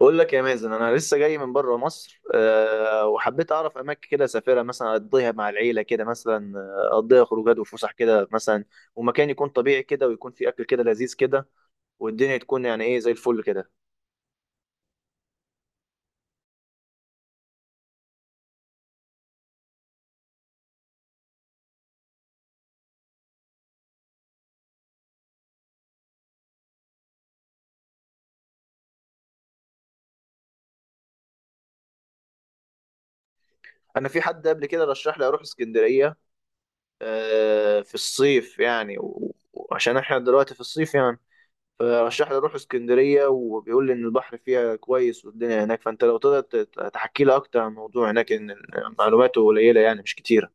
بقول لك يا مازن، انا لسه جاي من بره مصر. وحبيت اعرف اماكن كده اسافرها، مثلا اقضيها مع العيله كده، مثلا اقضيها خروجات وفسح كده مثلا. ومكان يكون طبيعي كده، ويكون فيه اكل كده لذيذ كده، والدنيا تكون يعني ايه زي الفل كده. انا في حد قبل كده رشح لي اروح اسكندريه في الصيف يعني، و- وعشان احنا دلوقتي في الصيف يعني. فرشح لي اروح اسكندريه، وبيقول لي ان البحر فيها كويس والدنيا هناك. فانت لو تقدر تحكي لي اكتر عن الموضوع هناك، إن معلوماته قليله، يعني مش كتيره.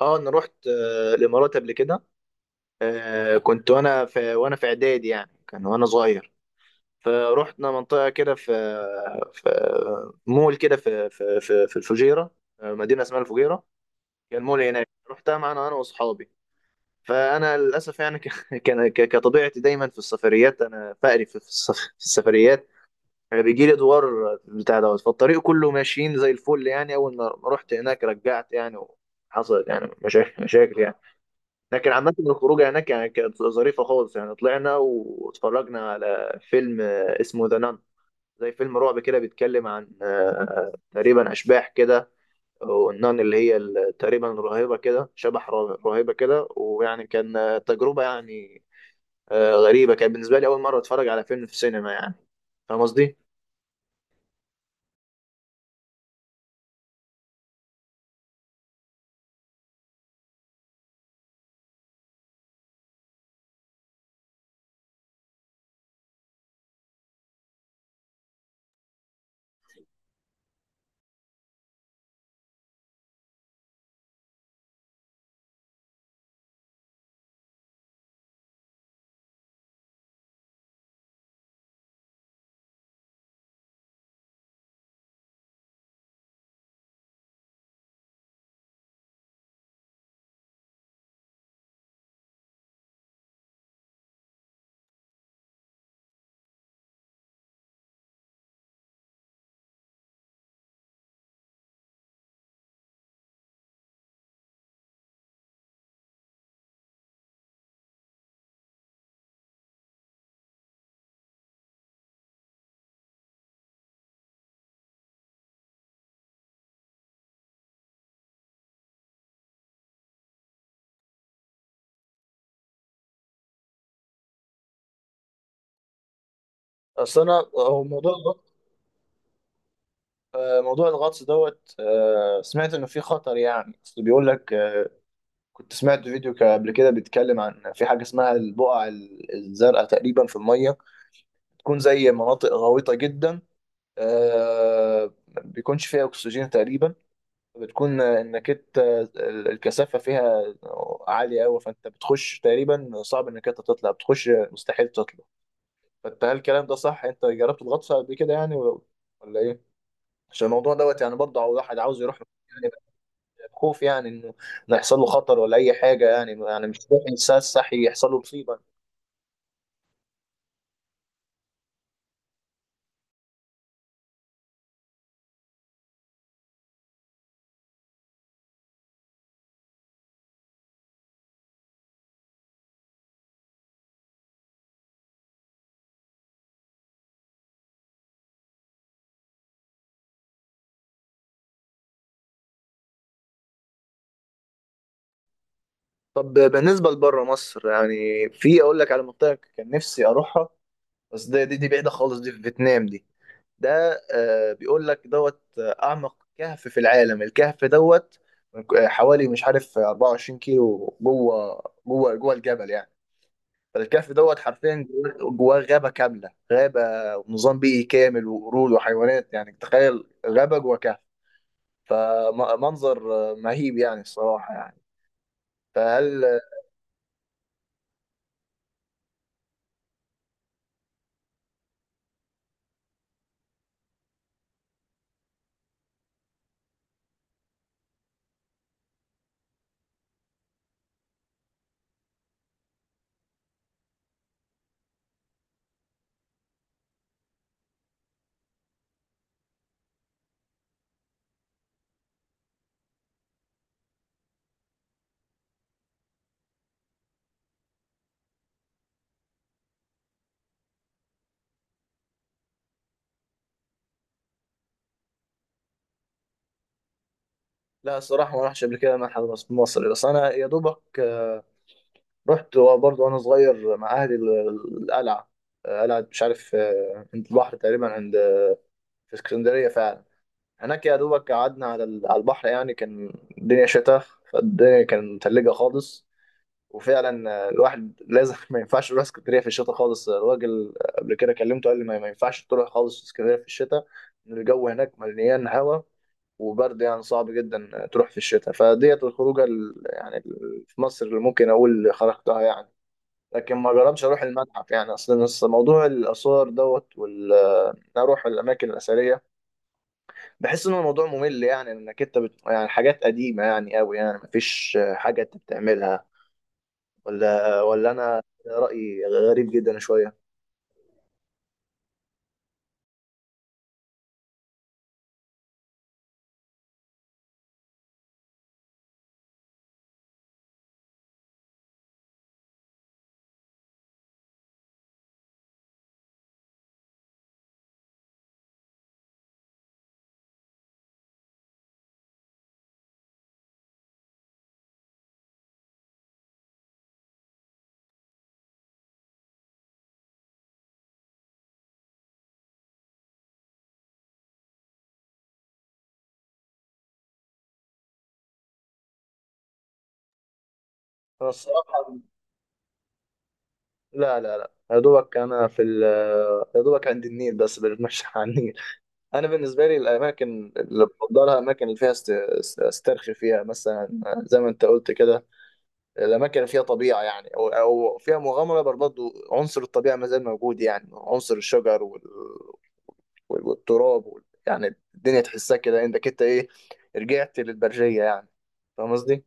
اه، انا رحت الامارات قبل كده. كنت وانا في اعدادي، يعني كان وانا صغير. فروحنا منطقه كده، في مول كده في الفجيره. مدينه اسمها الفجيره. كان مول هناك، رحتها معانا انا واصحابي. فانا للاسف يعني كان كطبيعتي دايما في السفريات، انا بقري في في السفريات. يعني بيجي لي دوار بتاع دوت. فالطريق كله ماشيين زي الفل، يعني اول ما رحت هناك رجعت يعني. وحصلت يعني مشاكل يعني. لكن عامة الخروجة هناك يعني كانت ظريفة خالص. يعني طلعنا واتفرجنا على فيلم اسمه ذا نان، زي فيلم رعب كده، بيتكلم عن تقريبا أشباح كده. والنان اللي هي تقريبا راهبة كده، شبح راهبة كده. ويعني كان تجربة يعني، غريبة. كانت بالنسبة لي أول مرة أتفرج على فيلم في سينما يعني. فاهم قصدي؟ اصل انا، هو موضوع الغطس دوت، سمعت انه فيه خطر يعني. اصل بيقول لك، كنت سمعت فيديو قبل كده بيتكلم عن في حاجة اسمها البقع الزرقاء، تقريبا في المية، تكون زي مناطق غويطة جدا، ما بيكونش فيها أكسجين تقريبا. بتكون إنك أنت الكثافة فيها عالية أوي، فأنت بتخش تقريبا صعب إنك أنت تطلع، بتخش مستحيل تطلع. فأنت، هل الكلام ده صح؟ أنت جربت الغطس قبل كده يعني، ولا إيه؟ عشان الموضوع دوت، يعني برضه واحد عاوز يروح. خوف يعني إنه يحصل له خطر ولا اي حاجه، يعني مش روح انسان صحي يحصل له مصيبه. طب بالنسبه لبره مصر يعني، في اقول لك على منطقه كان نفسي اروحها، بس دي بعيده خالص، دي في فيتنام دي. ده بيقول لك دوت، اعمق كهف في العالم، الكهف دوت حوالي مش عارف 24 كيلو جوه الجبل يعني. فالكهف دوت حرفيا جواه غابه كامله، غابه ونظام بيئي كامل، وقرود وحيوانات. يعني تخيل غابه جوه كهف. فمنظر مهيب يعني، الصراحة يعني. فهل لا، الصراحة ما رحتش قبل كده معهد مصري. بس أنا يا دوبك رحت برضه وأنا صغير مع أهلي القلعة. قلعة مش عارف، عند البحر تقريبا، عند، في اسكندرية فعلا. هناك يا دوبك قعدنا على على البحر يعني. كان الدنيا شتاء، فالدنيا كانت متلجة خالص. وفعلا الواحد لازم ما ينفعش يروح اسكندريه في الشتاء خالص. الراجل قبل كده كلمته قال لي ما ينفعش تروح خالص اسكندريه في الشتاء، ان الجو هناك مليان هوا وبرد، يعني صعب جدا تروح في الشتاء. فديت الخروجه في مصر اللي ممكن اقول خرجتها يعني. لكن ما جربتش اروح المتحف يعني، اصلا أصل موضوع الاثار دوت، إن اروح الاماكن الاثريه، بحس ان الموضوع ممل يعني، انك انت يعني حاجات قديمه يعني قوي، يعني مفيش حاجه انت بتعملها. ولا انا رايي غريب جدا شويه. انا الصراحه، لا لا لا يا دوبك، انا في يا دوبك عند النيل، بس بنتمشى على النيل. انا بالنسبه لي الاماكن اللي بفضلها، الاماكن اللي فيها استرخي فيها مثلا، زي ما انت قلت كده، الاماكن اللي فيها طبيعه يعني، او فيها مغامره. برضه عنصر الطبيعه ما زال موجود، يعني عنصر الشجر والتراب يعني الدنيا تحسها كده، انك انت ايه، رجعت للبرجيه يعني. فاهم قصدي؟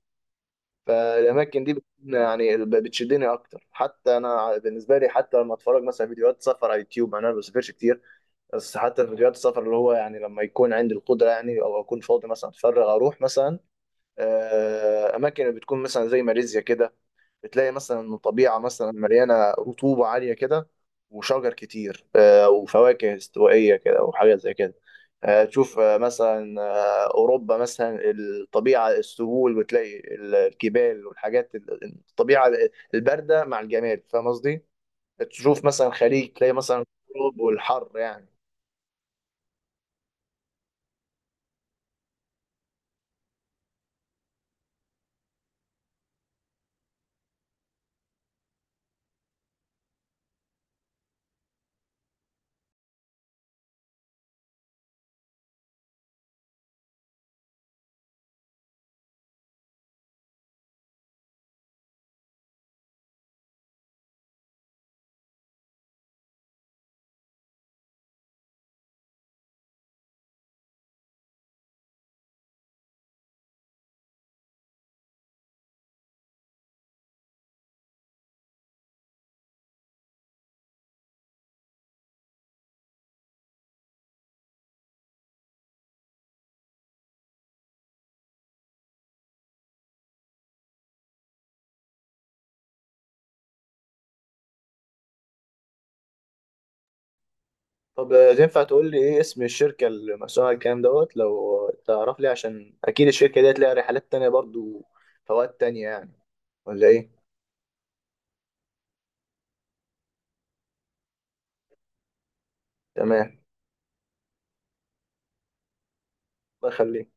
فالاماكن دي بتكون يعني بتشدني اكتر، حتى انا بالنسبه لي. حتى لما اتفرج مثلا فيديوهات سفر على يوتيوب يعني، انا ما بسافرش كتير، بس حتى فيديوهات السفر اللي هو يعني، لما يكون عندي القدره يعني، او اكون فاضي مثلا اتفرغ، اروح مثلا اماكن بتكون مثلا زي ماليزيا كده. بتلاقي مثلا إن الطبيعة مثلا مليانة رطوبة عالية كده، وشجر كتير وفواكه استوائية كده، وحاجات زي كده. تشوف مثلا أوروبا مثلا، الطبيعة، السهول، وتلاقي الجبال والحاجات الطبيعة الباردة مع الجمال. فاهم قصدي؟ تشوف مثلا خليج، تلاقي مثلا الغروب والحر يعني. طب تنفع تقول لي ايه اسم الشركة اللي مسؤولة عن الكلام دوت، لو تعرف لي، عشان اكيد الشركة ديت ليها رحلات تانية برضو، فوائد تانية يعني، ولا ايه؟ تمام، بخليك.